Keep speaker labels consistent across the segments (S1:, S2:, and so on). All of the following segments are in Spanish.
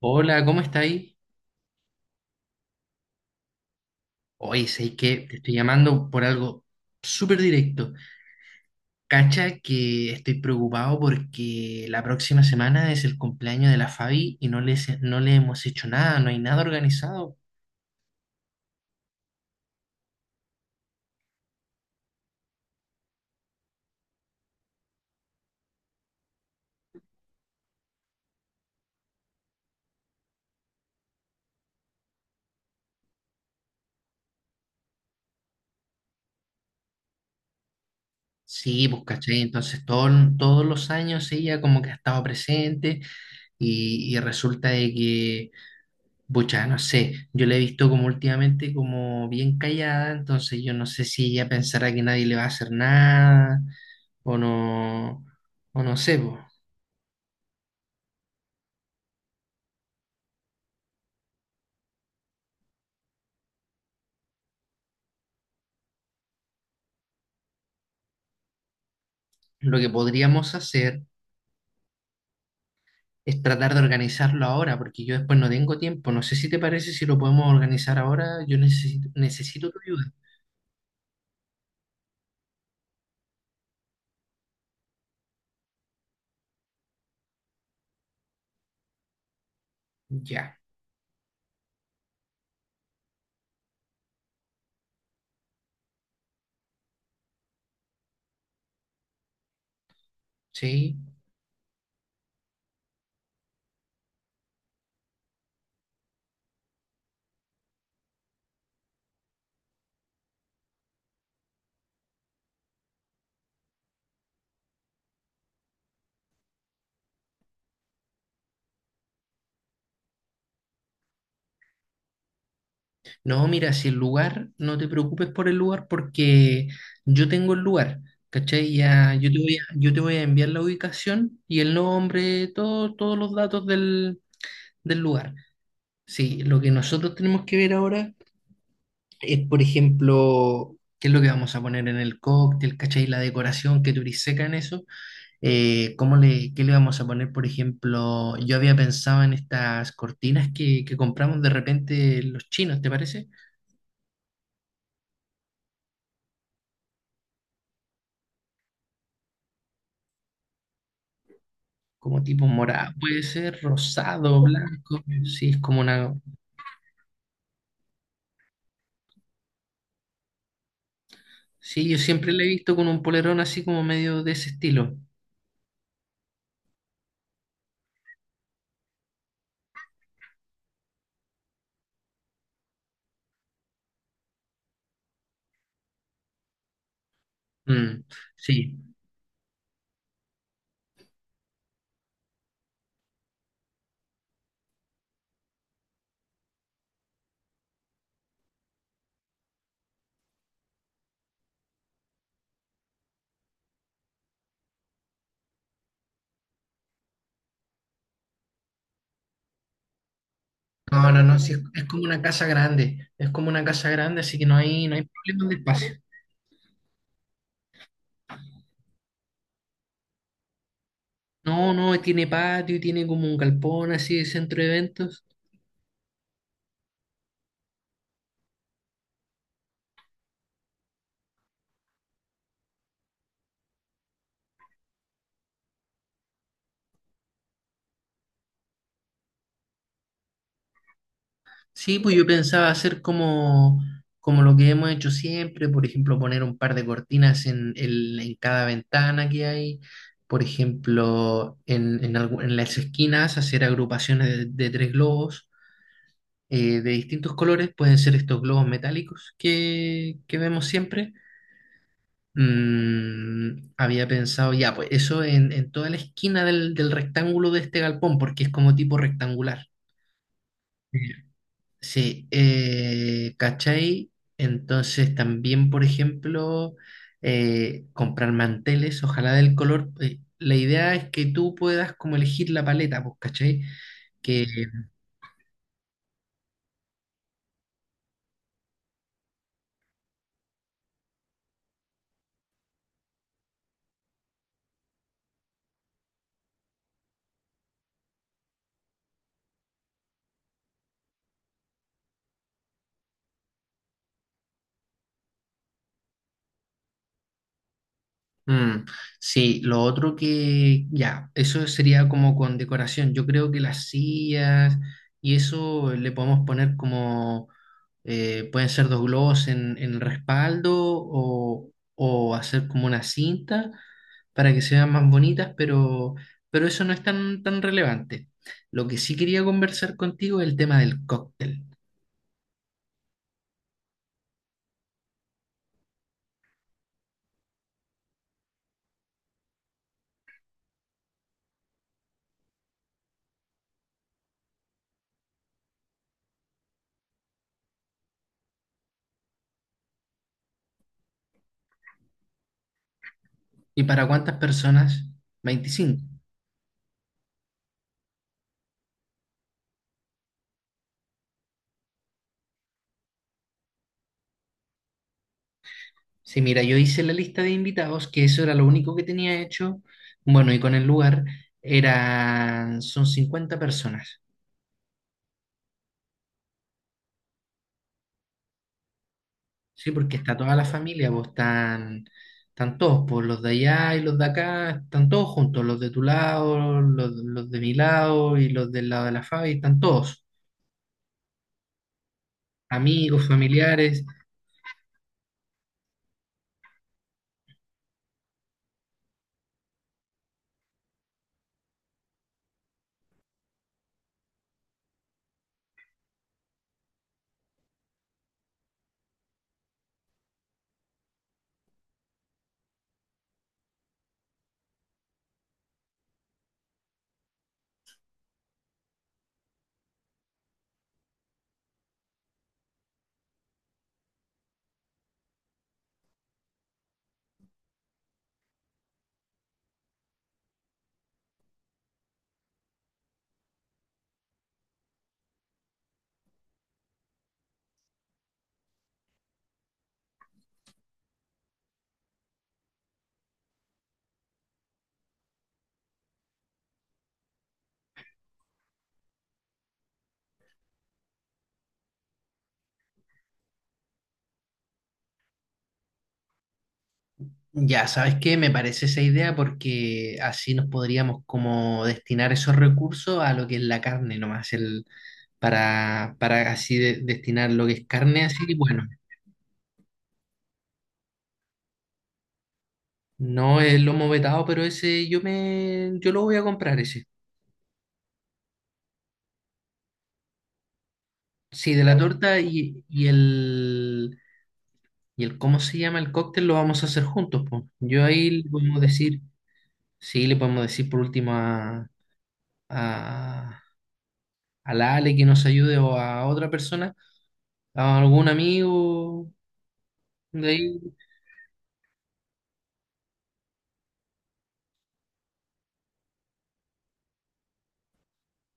S1: Hola, ¿Cómo estáis hoy? Sé que te estoy llamando por algo súper directo. Cacha que estoy preocupado porque la próxima semana es el cumpleaños de la Fabi y no le hemos hecho nada, no hay nada organizado. Sí, pues cachai, entonces todos los años ella como que ha estado presente y resulta de que bucha, no sé, yo la he visto como últimamente como bien callada, entonces yo no sé si ella pensará que nadie le va a hacer nada o no, o no sé, po. Lo que podríamos hacer es tratar de organizarlo ahora, porque yo después no tengo tiempo. No sé si te parece si lo podemos organizar ahora, yo necesito tu ayuda. Ya, sí. No, mira, si el lugar, no te preocupes por el lugar porque yo tengo el lugar, ¿cachai? Ya, yo te voy a enviar la ubicación y el nombre, todos los datos del lugar. Sí, lo que nosotros tenemos que ver ahora es, por ejemplo, qué es lo que vamos a poner en el cóctel, ¿cachai? La decoración, que tú eres seca en eso. ¿Qué le vamos a poner, por ejemplo? Yo había pensado en estas cortinas que compramos de repente los chinos, ¿te parece? Como tipo morado, puede ser rosado, blanco, sí, es como una. Sí, yo siempre la he visto con un polerón así como medio de ese estilo. Mm, sí. No, no, no, sí, es como una casa grande, es como una casa grande, así que no hay problema de espacio. No, no, tiene patio, tiene como un galpón así de centro de eventos. Sí, pues yo pensaba hacer como, como lo que hemos hecho siempre, por ejemplo, poner un par de cortinas en cada ventana que hay, por ejemplo, en las esquinas hacer agrupaciones de tres globos de distintos colores, pueden ser estos globos metálicos que vemos siempre. Mm, había pensado ya, pues eso en toda la esquina del rectángulo de este galpón, porque es como tipo rectangular. Sí, ¿cachai? Entonces también, por ejemplo, comprar manteles, ojalá del color. La idea es que tú puedas como elegir la paleta, pues, ¿cachai? Que, mm, sí, lo otro que, ya, eso sería como con decoración. Yo creo que las sillas y eso le podemos poner como, pueden ser dos globos en el respaldo o hacer como una cinta, para que se vean más bonitas, pero eso no es tan, tan relevante. Lo que sí quería conversar contigo es el tema del cóctel. ¿Y para cuántas personas? 25. Sí, mira, yo hice la lista de invitados, que eso era lo único que tenía hecho. Bueno, y con el lugar eran, son 50 personas. Sí, porque está toda la familia, vos están, todos, pues los de allá y los de acá, están todos juntos, los de tu lado, los de mi lado y los del lado de la Fabi, están todos. Amigos, familiares. Ya, ¿sabes qué? Me parece esa idea porque así nos podríamos como destinar esos recursos a lo que es la carne nomás, para así destinar lo que es carne, así que bueno, no es lomo vetado, pero ese yo lo voy a comprar ese. Sí, de la torta y el, ¿cómo se llama? El cóctel lo vamos a hacer juntos, po. Yo ahí le podemos decir, sí, le podemos decir por último a a la Ale que nos ayude o a otra persona, a algún amigo de ahí.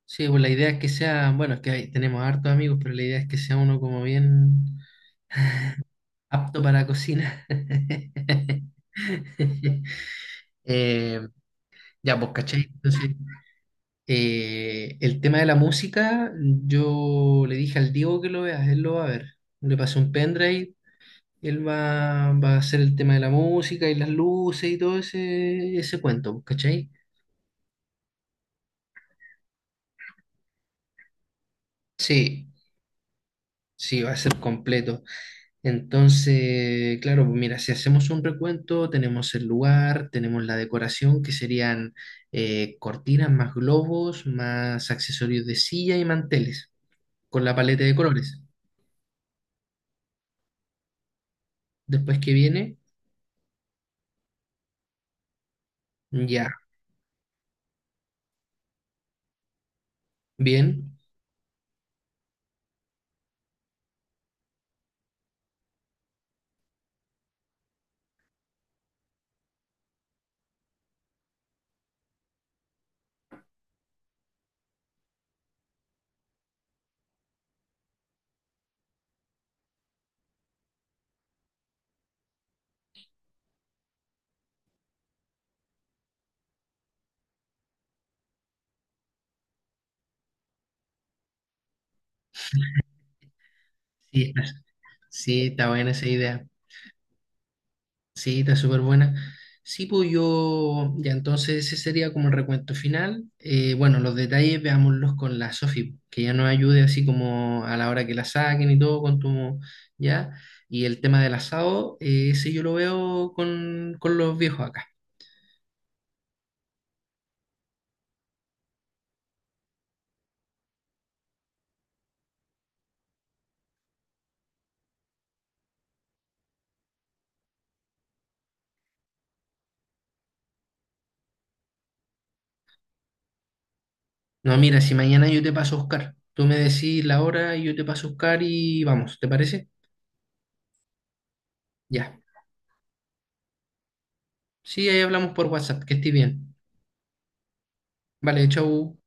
S1: Sí, pues la idea es que sea, bueno, es que ahí tenemos hartos amigos, pero la idea es que sea uno como bien apto para cocina. Eh, ya, pues, ¿cachai? Entonces, el tema de la música, yo le dije al Diego que lo vea, él lo va a ver. Le pasé un pendrive, él va a hacer el tema de la música y las luces y todo ese cuento, pues, ¿cachai? Sí, sí, va a ser completo. Entonces, claro, pues mira, si hacemos un recuento, tenemos el lugar, tenemos la decoración, que serían cortinas más globos, más accesorios de silla y manteles, con la paleta de colores. Después que viene, ya, bien. Sí, está- sí, está buena esa idea. Sí, está súper buena. Sí, pues yo, ya entonces ese sería como el recuento final. Bueno, los detalles veámoslos con la Sofi, que ya nos ayude así como a la hora que la saquen y todo, con tu, ya. Y el tema del asado, ese yo lo veo con, los viejos acá. No, mira, si mañana yo te paso a buscar, tú me decís la hora y yo te paso a buscar y vamos, ¿te parece? Ya. Sí, ahí hablamos por WhatsApp, que estés bien. Vale, chau.